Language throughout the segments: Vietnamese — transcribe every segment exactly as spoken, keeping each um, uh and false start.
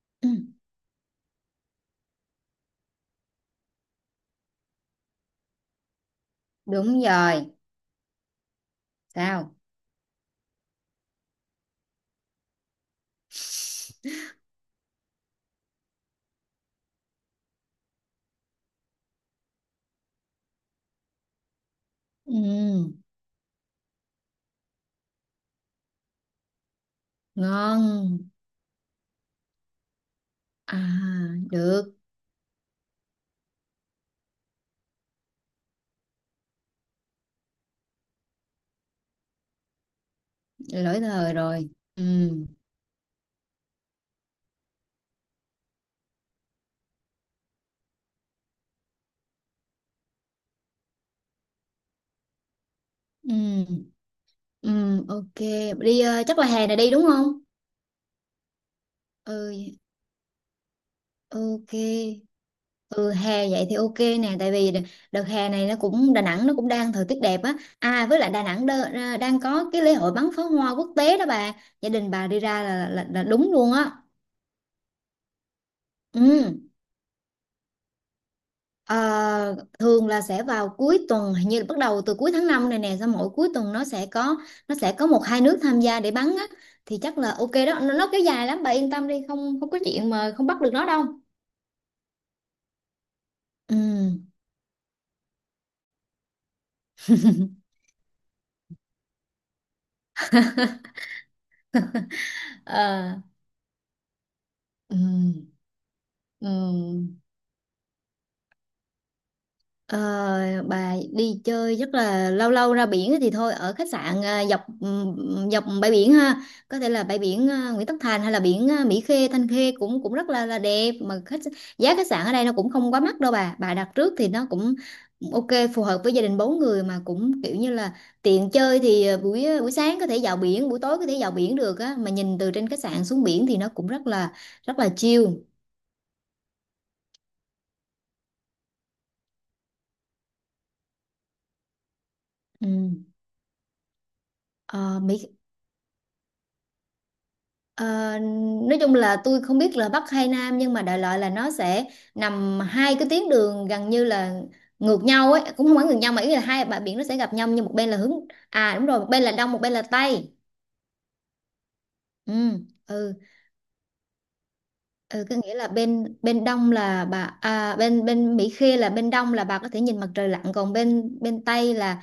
Ừ. Đúng rồi. Sao? Ừ. Ngon. À, được. Lỗi thời rồi. Ừ, ừ, ừ, ok. Đi ờ, chắc là hè này đi, đúng không? Ừ, ok. Ừ, hè vậy thì ok nè. Tại vì đ- đợt hè này nó cũng, Đà Nẵng nó cũng đang thời tiết đẹp á. À với lại Đà Nẵng đơ, ra- đang có cái lễ hội bắn pháo hoa quốc tế đó bà. Gia đình bà đi ra là là, là đúng luôn á. Ừ. Ờ, thường là sẽ vào cuối tuần, hình như là bắt đầu từ cuối tháng năm này nè, xong mỗi cuối tuần nó sẽ có nó sẽ có một hai nước tham gia để bắn á. Thì chắc là ok đó, nó, nó kéo dài lắm, bà yên tâm đi, không không có chuyện mà không bắt được nó đâu. Ừ. Ờ, ừ. Ừ. Ờ, bà đi chơi rất là lâu, lâu ra biển thì thôi ở khách sạn, à, dọc ừm, dọc bãi biển ha. Có thể là bãi biển à, Nguyễn Tất Thành, hay là biển à, Mỹ Khê, Thanh Khê cũng cũng rất là là đẹp. Mà khách giá khách sạn ở đây nó cũng không quá mắc đâu bà bà đặt trước thì nó cũng ok, phù hợp với gia đình bốn người, mà cũng kiểu như là tiện chơi thì à, buổi ờ, buổi sáng có thể vào biển, buổi tối có thể vào biển được á. Mà nhìn từ trên khách sạn xuống biển thì nó cũng rất là rất là chill. Ừ. Ờ, Mỹ. Ờ, nói chung là tôi không biết là Bắc hay Nam, nhưng mà đại loại là nó sẽ nằm hai cái tuyến đường gần như là ngược nhau ấy, cũng không phải ngược nhau, mà ý là hai bãi biển nó sẽ gặp nhau, nhưng một bên là hướng, à đúng rồi, một bên là đông, một bên là tây. Ừ, ừ. Ừ, có nghĩa là bên bên đông là bà, à, bên bên Mỹ Khê là bên đông, là bà có thể nhìn mặt trời lặn, còn bên bên Tây là,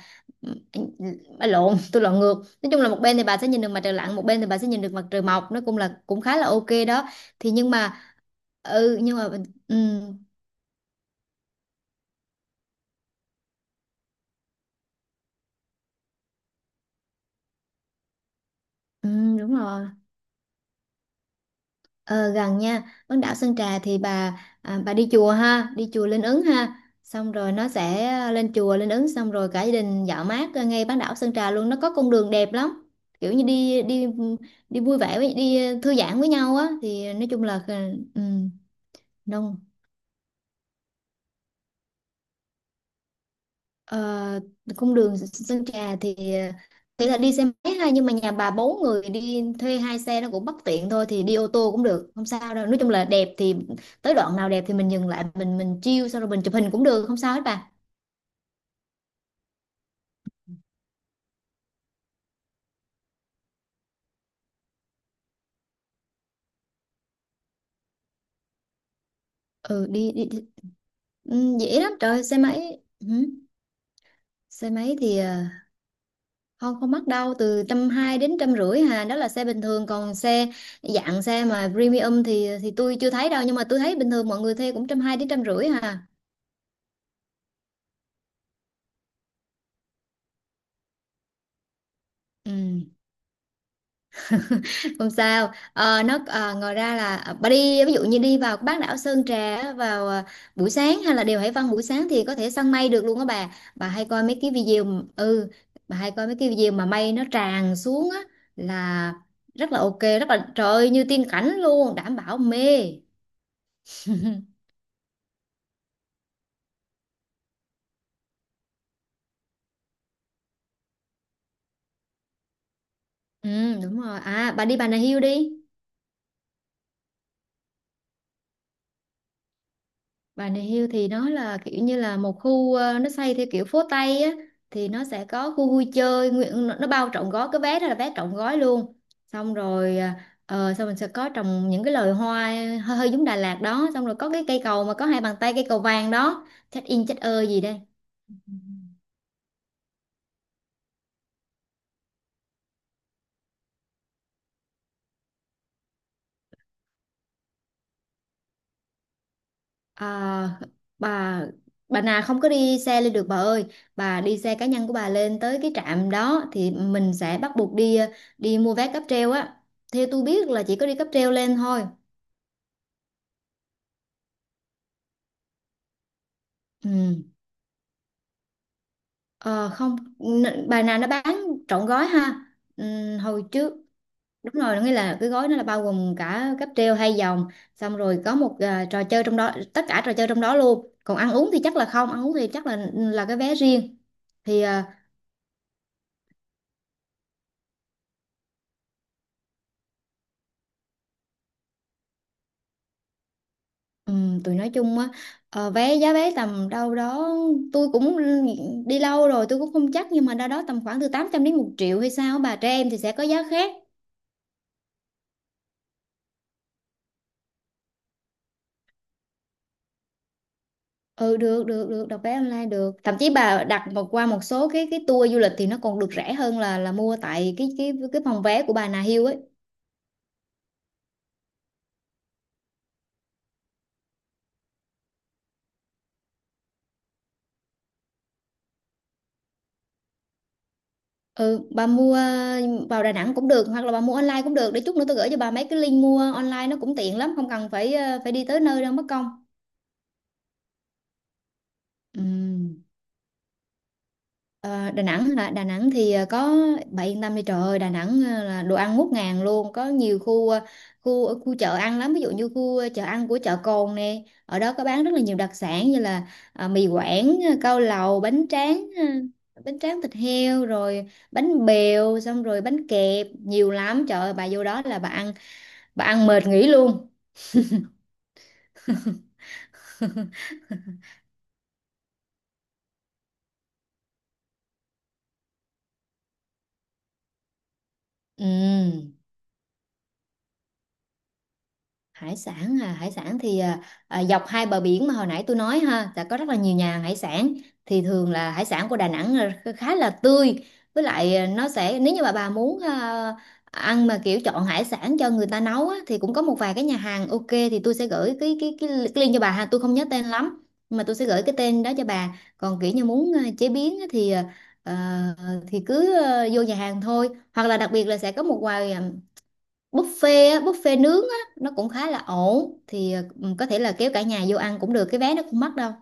bà lộn, tôi lộn ngược. Nói chung là một bên thì bà sẽ nhìn được mặt trời lặn, một bên thì bà sẽ nhìn được mặt trời mọc, nó cũng là cũng khá là ok đó thì. Nhưng mà ừ, nhưng mà ừ, ừ đúng rồi. Ờ, gần nha, bán đảo Sơn Trà thì bà, à, bà đi chùa ha, đi chùa Linh Ứng ha, xong rồi nó sẽ à, lên chùa Linh Ứng, xong rồi cả gia đình dạo mát à, ngay bán đảo Sơn Trà luôn, nó có con đường đẹp lắm. Kiểu như đi đi, đi vui vẻ với đi thư giãn với nhau á, thì nói chung là ừ. Ờ, cung đường Sơn Trà thì thế là đi xe máy ha, nhưng mà nhà bà bốn người đi thuê hai xe nó cũng bất tiện, thôi thì đi ô tô cũng được, không sao đâu, nói chung là đẹp thì tới đoạn nào đẹp thì mình dừng lại, mình mình chill xong rồi mình chụp hình cũng được, không sao hết bà. Ừ, đi đi, đi. Ừ, dễ lắm trời, xe máy, ừ. Xe máy thì ờ, không không mắc đâu, từ trăm hai đến trăm rưỡi hà, đó là xe bình thường. Còn xe dạng xe mà premium thì thì tôi chưa thấy đâu, nhưng mà tôi thấy bình thường mọi người thuê cũng trăm hai đến trăm rưỡi hà. Ừ. Không sao. Ờ, nó, à, ngoài ra là à, bà đi, ví dụ như đi vào bán đảo Sơn Trà á, vào à, buổi sáng hay là đèo Hải Vân buổi sáng thì có thể săn mây được luôn á bà. Bà hay coi mấy cái video m- ừ bà hay coi mấy cái video mà mây nó tràn xuống á, là rất là ok, rất là trời ơi, như tiên cảnh luôn, đảm bảo mê. Ừ đúng rồi. À, bà đi Bà Nà Hills đi. Bà Hill thì nó là kiểu như là một khu, ờ, nó xây theo kiểu phố Tây á, thì nó sẽ có khu vui chơi nguyện, nó bao trọn gói cái vé đó, là vé trọn gói luôn. Xong rồi ờ, ờ, xong mình sẽ có trồng những cái loài hoa hơi, hơi giống Đà Lạt đó. Xong rồi có cái cây cầu mà có hai bàn tay, cây cầu vàng đó, check in check ơi gì đây. À, bà bà nào không có đi xe lên được bà ơi, bà đi xe cá nhân của bà lên tới cái trạm đó thì mình sẽ bắt buộc đi ờ, đi mua vé cáp treo á. Theo tôi biết là chỉ có đi cáp treo lên thôi. Ừ. Ờ, không n- bài nào nó bán trọn gói ha. Ừ, hồi trước, đúng rồi, nghĩa là cái gói nó là bao gồm cả cáp treo hai dòng, xong rồi có một à, trò chơi trong đó, tất cả trò chơi trong đó luôn, còn ăn uống thì chắc là không, ăn uống thì chắc là là cái vé riêng thì à, ừ, tụi nói chung á. Ờ, vé, giá vé tầm đâu đó, tôi cũng đi lâu rồi tôi cũng không chắc, nhưng mà đâu đó tầm khoảng từ tám trăm đến một triệu hay sao á bà, trẻ em thì sẽ có giá khác. Ừ, được được được, đặt vé online được, thậm chí bà đặt mà qua một số cái cái tour du lịch thì nó còn được rẻ hơn là là mua tại cái cái cái phòng vé của bà Nà Hills ấy. Ừ, bà mua vào Đà Nẵng cũng được, hoặc là bà mua online cũng được, để chút nữa tôi gửi cho bà mấy cái link mua online, nó cũng tiện lắm, không cần phải ờ, phải đi tới nơi đâu mất công. Ừ. Ờ, Đà Nẵng hả? Đà Nẵng thì ờ, có, bà yên tâm đi, trời ơi Đà Nẵng ờ, là đồ ăn ngút ngàn luôn, có nhiều khu ờ, khu ờ, khu chợ ăn lắm, ví dụ như khu ờ, chợ ăn của chợ Cồn nè, ở đó có bán rất là nhiều đặc sản như là ờ, mì Quảng, ờ, cao lầu, bánh tráng, ờ, bánh tráng thịt heo, rồi bánh bèo, xong rồi bánh kẹp nhiều lắm, trời ơi bà vô đó là bà ăn, bà ăn mệt nghỉ luôn. Ừ. Hải sản à, hải sản thì à, à, dọc hai bờ biển mà hồi nãy tôi nói ha, là có rất là nhiều nhà hàng hải sản, thì thường là hải sản của Đà Nẵng là khá là tươi. Với lại à, nó sẽ, nếu như mà bà muốn à, ăn mà kiểu chọn hải sản cho người ta nấu á, thì cũng có một vài cái nhà hàng ok, thì tôi sẽ gửi cái cái cái, cái link cho bà ha, tôi không nhớ tên lắm nhưng mà tôi sẽ gửi cái tên đó cho bà. Còn kiểu như muốn à, chế biến á thì à, ờ, thì cứ à, vô nhà hàng thôi, hoặc là đặc biệt là sẽ có một vài buffet á, buffet nướng á, nó cũng khá là ổn thì. Ừ, có thể là kéo cả nhà vô ăn cũng được, cái vé nó cũng mắc đâu.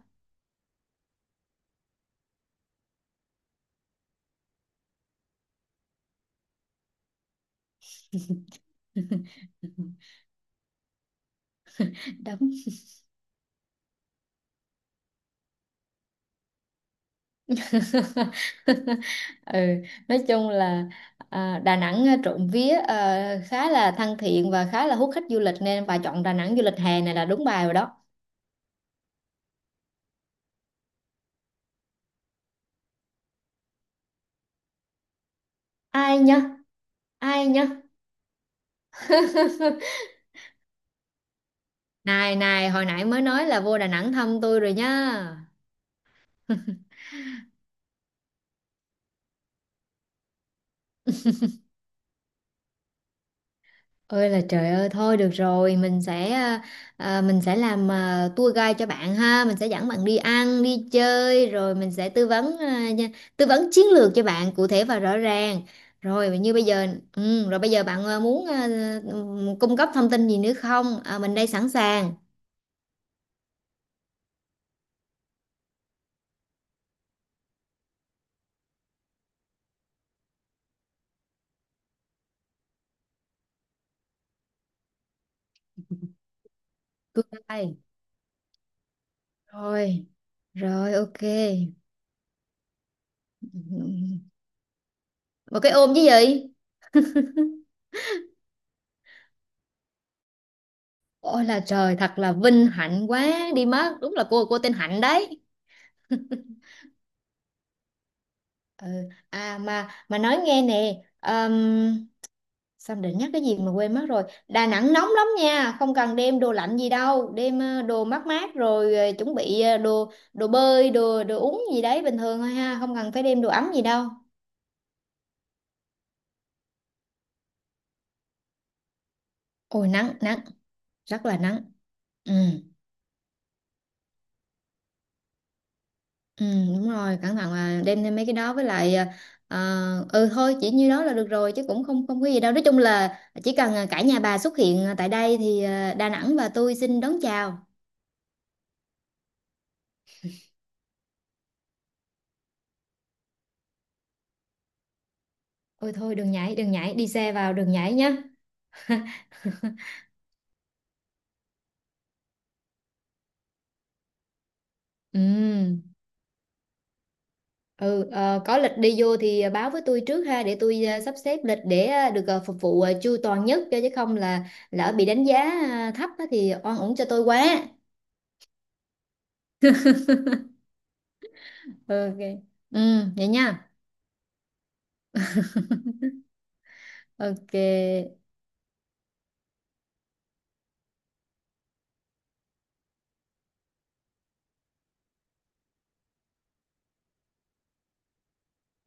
Đúng. Ừ, nói chung là à, Đà Nẵng à, trộm vía à, khá là thân thiện và khá là hút khách du lịch, nên bà chọn Đà Nẵng du lịch hè này là đúng bài rồi đó. Ai nhá, ai nhá. Này này, hồi nãy mới nói là vô Đà Nẵng thăm tôi rồi nhá. Ơi là trời ơi, thôi được rồi, mình sẽ à, à, mình sẽ làm à, tour guide cho bạn ha, mình sẽ dẫn bạn đi ăn đi chơi, rồi mình sẽ tư vấn à, nha- tư vấn chiến lược cho bạn cụ thể và rõ ràng. Rồi như bây giờ, ừ, rồi bây giờ bạn à, muốn à, ừm, cung cấp thông tin gì nữa không, à, mình đây sẵn sàng tour guide. Rồi, rồi ok. Một cái ôm chứ gì. Ôi là trời, thật là vinh hạnh quá đi mất, đúng là cô cô tên Hạnh đấy. Ừ. À, mà mà nói nghe nè. um, Sao để nhắc cái gì mà quên mất rồi. Đà Nẵng nóng lắm nha, không cần đem đồ lạnh gì đâu, đem ờ, đồ mát mát, rồi ờ, chuẩn bị ờ, đồ đồ bơi, đồ đồ uống gì đấy bình thường thôi ha, không cần phải đem đồ ấm gì đâu. Ôi nắng, nắng, rất là nắng. Ừ, ừ đúng rồi, cẩn thận là đem thêm mấy cái đó, với lại ờ, ờ, ừ thôi chỉ như đó là được rồi, chứ cũng không không có gì đâu, nói chung là chỉ cần ờ, cả nhà bà xuất hiện ờ, tại đây thì ờ, Đà Nẵng và tôi xin đón chào. Ôi thôi, đừng nhảy, đừng nhảy, đi xe vào, đừng nhảy nhá. Ừm. Ừ, ờ, có lịch đi vô thì báo với tôi trước ha, để tôi ờ, sắp xếp lịch, để ờ, được ờ, phục vụ ờ, chu toàn nhất cho, chứ không là lỡ bị đánh giá ờ, thấp á thì oan uổng cho tôi quá. Ok. Ừ, vậy nha. Ok.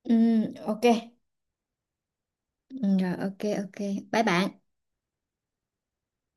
Ừ, ok. Ừ, rồi ok, ok. Bye bạn.